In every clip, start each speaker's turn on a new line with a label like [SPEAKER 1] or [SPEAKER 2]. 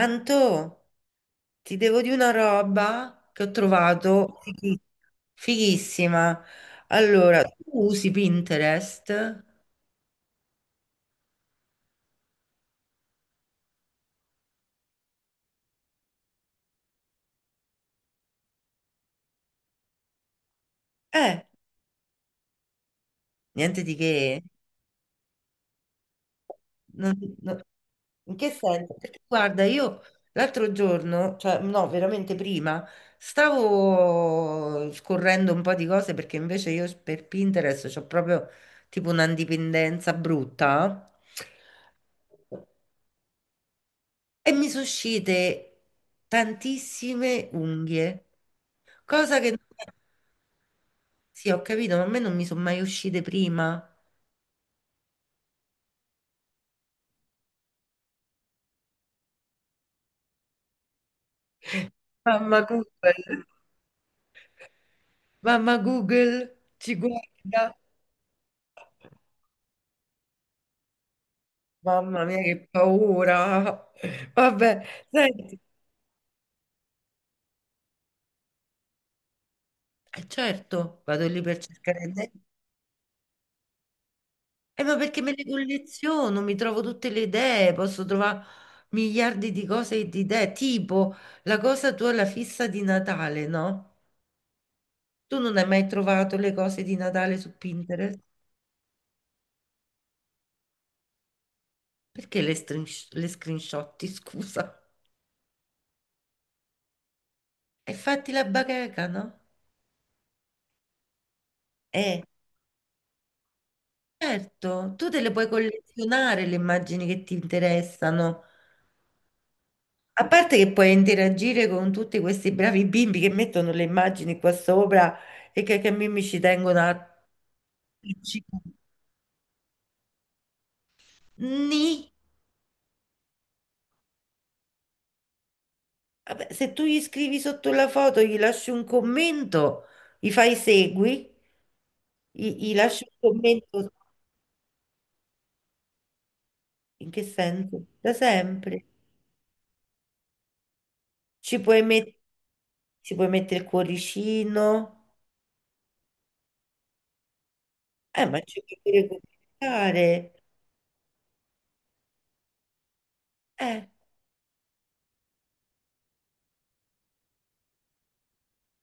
[SPEAKER 1] Anto, ti devo di una roba che ho trovato fighissima. Allora, tu usi Pinterest? Eh, Niente di che. Non- non- In che senso? Perché guarda, io l'altro giorno, cioè no, veramente prima, stavo scorrendo un po' di cose perché invece io per Pinterest ho proprio tipo una dipendenza brutta. E mi sono uscite tantissime unghie, cosa che... Sì, ho capito, ma a me non mi sono mai uscite prima. Mamma Google, mamma Google ci guarda. Mamma mia, che paura. Vabbè, senti. E certo, vado lì per cercare idee. Ma perché me le colleziono, mi trovo tutte le idee, posso trovare miliardi di cose e di idee, tipo la cosa tua, la fissa di Natale, no? Tu non hai mai trovato le cose di Natale su Pinterest? Perché le screenshotti, scusa? E fatti la bacheca, no? Eh, certo, tu te le puoi collezionare le immagini che ti interessano. A parte che puoi interagire con tutti questi bravi bimbi che mettono le immagini qua sopra e che mi ci tengono a... Ni. Vabbè, se tu gli scrivi sotto la foto, gli lasci un commento, gli fai segui, gli lasci un commento. In che senso? Da sempre. Ci puoi, met- Ci puoi mettere il cuoricino, ma ci puoi pure commentare. Eh,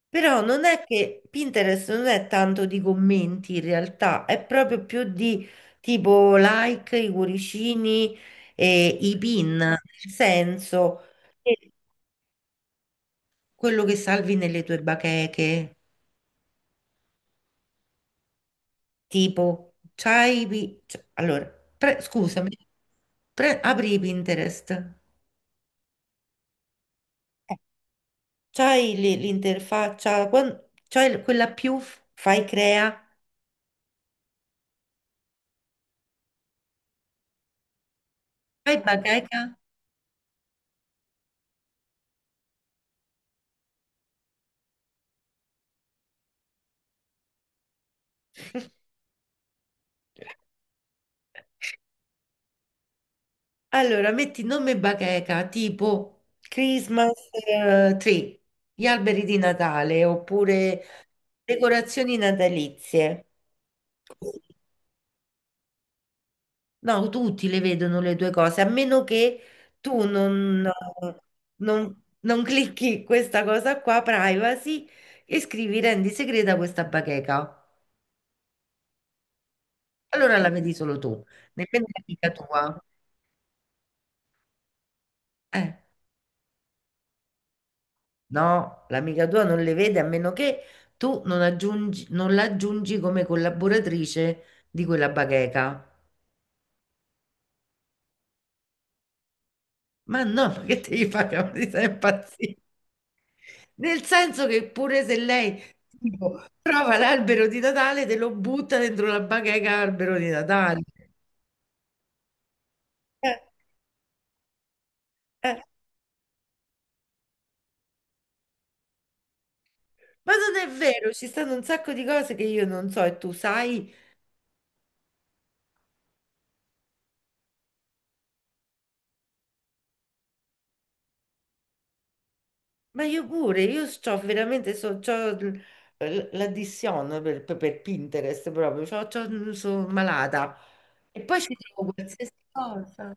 [SPEAKER 1] Però non è che Pinterest non è tanto di commenti in realtà, è proprio più di tipo like, i cuoricini e i pin, nel senso che quello che salvi nelle tue bacheche, tipo, c'hai... cioè, allora, scusami, apri Pinterest. C'hai l'interfaccia, quella più, fai crea, fai bacheca. Allora, metti nome bacheca, tipo Christmas tree, gli alberi di Natale, oppure decorazioni natalizie. Così. No, tutti le vedono le due cose, a meno che tu non clicchi questa cosa qua, privacy, e scrivi rendi segreta questa bacheca. Allora la vedi solo tu, nemmeno l'amica tua. Eh, no, l'amica tua non le vede a meno che tu non la aggiungi come collaboratrice di quella bacheca. Ma no, ma che devi fare? Mi stai impazzire. Nel senso che pure se lei tipo, trova l'albero di Natale, te lo butta dentro la bacheca albero di Natale. Eh, eh. Ma non è vero, ci stanno un sacco di cose che io non so e tu sai. Ma io pure, io c'ho veramente, c'ho l'addiction per Pinterest proprio, sono malata. E poi ci trovo qualsiasi cosa.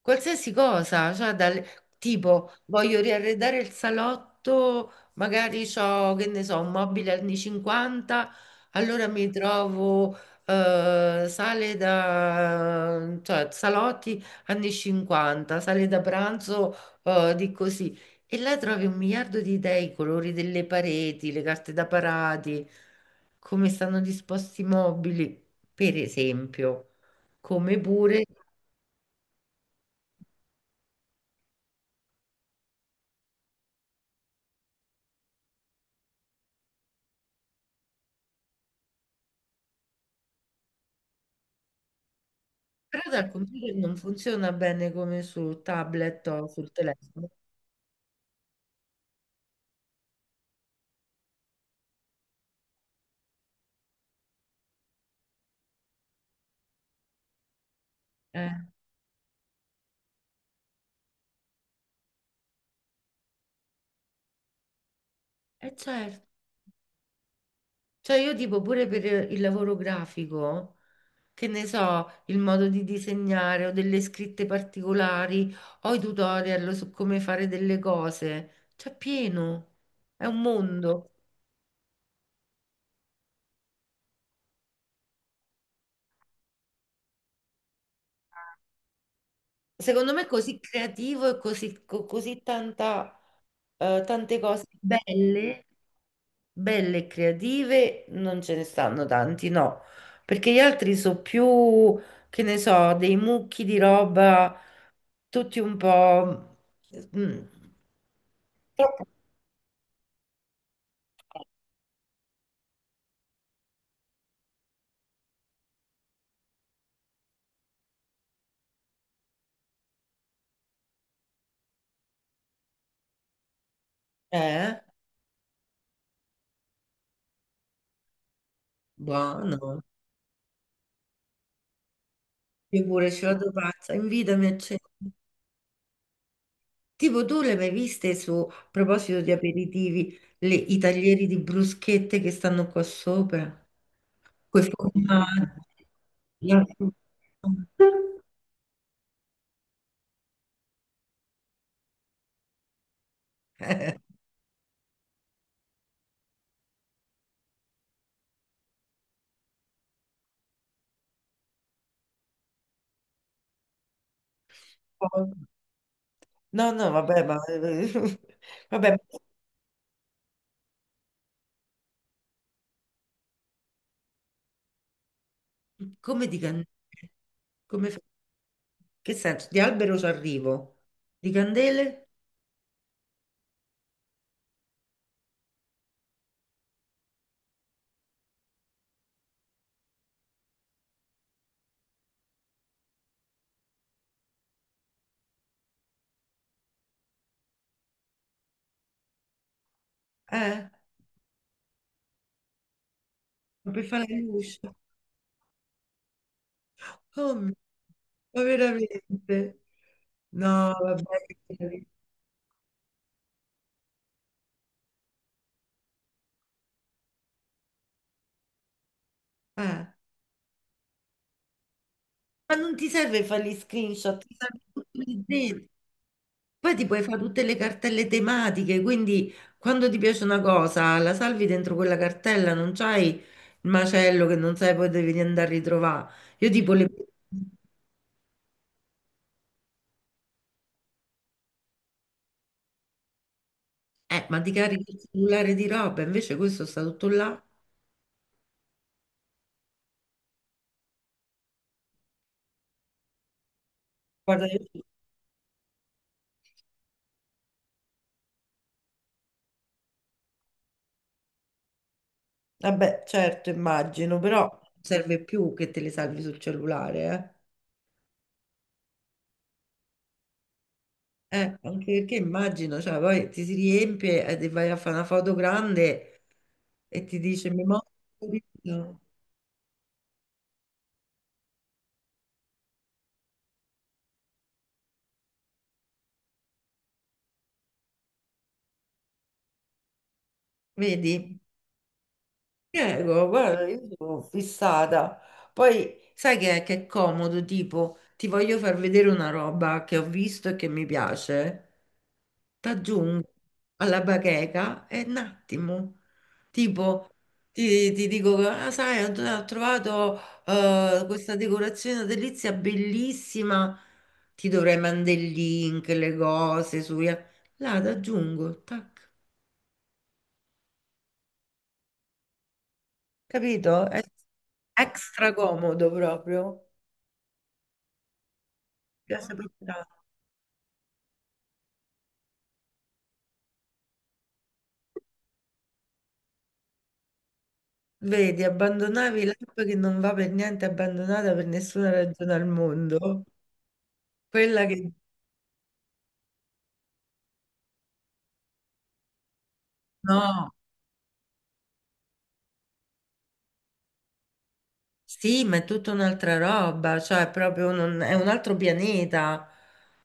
[SPEAKER 1] Qualsiasi cosa, cioè tipo voglio riarredare il salotto, magari ho, che ne so, un mobile anni 50, allora mi trovo cioè salotti anni 50, sale da pranzo di così. E là trovi un miliardo di idee, i colori delle pareti, le carte da parati, come stanno disposti i mobili, per esempio, come pure... Però dal computer non funziona bene come sul tablet o sul telefono. Eh, certo. Cioè io tipo pure per il lavoro grafico, che ne so, il modo di disegnare o delle scritte particolari o i tutorial su come fare delle cose, c'è pieno, è un mondo. Secondo me è così creativo e così, così tante cose belle. Belle e creative non ce ne stanno tanti, no, perché gli altri sono più, che ne so, dei mucchi di roba, tutti un po'... mm, troppo- Eh? Buono, io pure ci vado pazza, invitami a cena. Tipo tu le hai mai viste su, a proposito di aperitivi, i taglieri di bruschette che stanno qua sopra? Quei formaggi. la- Eh, no, no, vabbè, ma come di candele? Come fa- Che senso? Di albero ci arrivo. Di candele? Eh, ma per fare la luce. Come? Ma veramente? No, vabbè. Eh. Ma non ti serve fare gli screenshot, ti serve tutto lì dentro. Poi ti puoi fare tutte le cartelle tematiche, quindi quando ti piace una cosa, la salvi dentro quella cartella, non c'hai il macello che non sai poi devi andare a ritrovare. Io tipo le... ma ti carichi il cellulare di roba, invece questo sta tutto là. Guarda, vabbè, certo, immagino, però non serve più che te le salvi sul cellulare, eh. Anche perché immagino, cioè, poi ti si riempie e ti vai a fare una foto grande e ti dice memoria, vedi? Prego, guarda, io sono fissata. Poi sai che è comodo, tipo, ti voglio far vedere una roba che ho visto e che mi piace. T'aggiungo alla bacheca e un attimo, tipo, ti dico, ah, sai, ho trovato questa decorazione delizia bellissima, ti dovrei mandare il link, le cose, su... Là, t'aggiungo, tac. Capito? È extra comodo proprio. Piace proprio tanto. Vedi, abbandonavi l'app che non va per niente abbandonata per nessuna ragione al mondo. Quella che no, sì, ma è tutta un'altra roba, cioè proprio è un altro pianeta,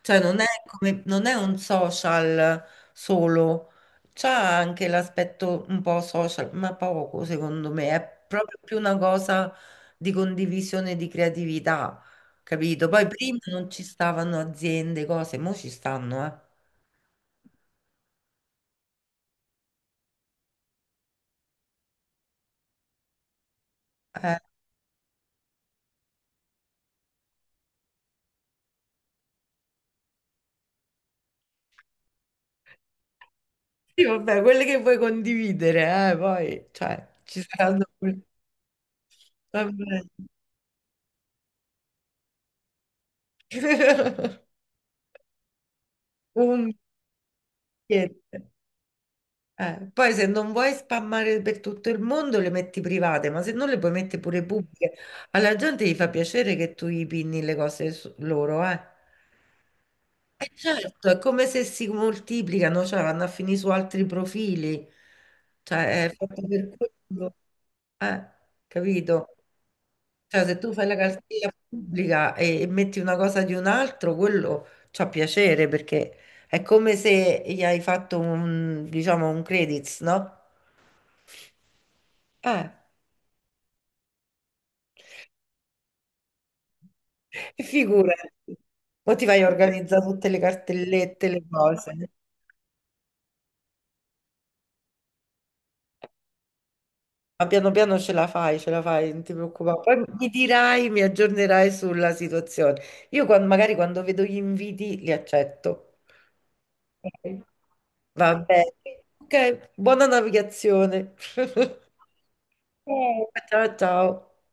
[SPEAKER 1] cioè non è come, non è un social solo, c'ha anche l'aspetto un po' social, ma poco secondo me, è proprio più una cosa di condivisione di creatività, capito? Poi prima non ci stavano aziende, cose, mo ci stanno, eh. Eh, sì, vabbè, quelle che vuoi condividere, poi, cioè, ci saranno... Vabbè. Un biglietto. Poi se non vuoi spammare per tutto il mondo le metti private, ma se non le puoi mettere pure pubbliche, alla gente gli fa piacere che tu gli pinni le cose loro, eh. E certo, è come se si moltiplicano, cioè vanno a finire su altri profili. Cioè, è fatto per quello. Eh, Capito? Cioè, se tu fai la cartella pubblica e, metti una cosa di un altro, quello c'ha piacere perché è come se gli hai fatto un, diciamo, un credits, no? Eh, figurati. Poi ti vai a organizzare tutte le cartellette, le cose. Ma piano piano ce la fai, non ti preoccupare. Poi mi dirai, mi aggiornerai sulla situazione. Magari quando vedo gli inviti li accetto. Ok. Va bene. Ok, buona navigazione. Ciao ciao.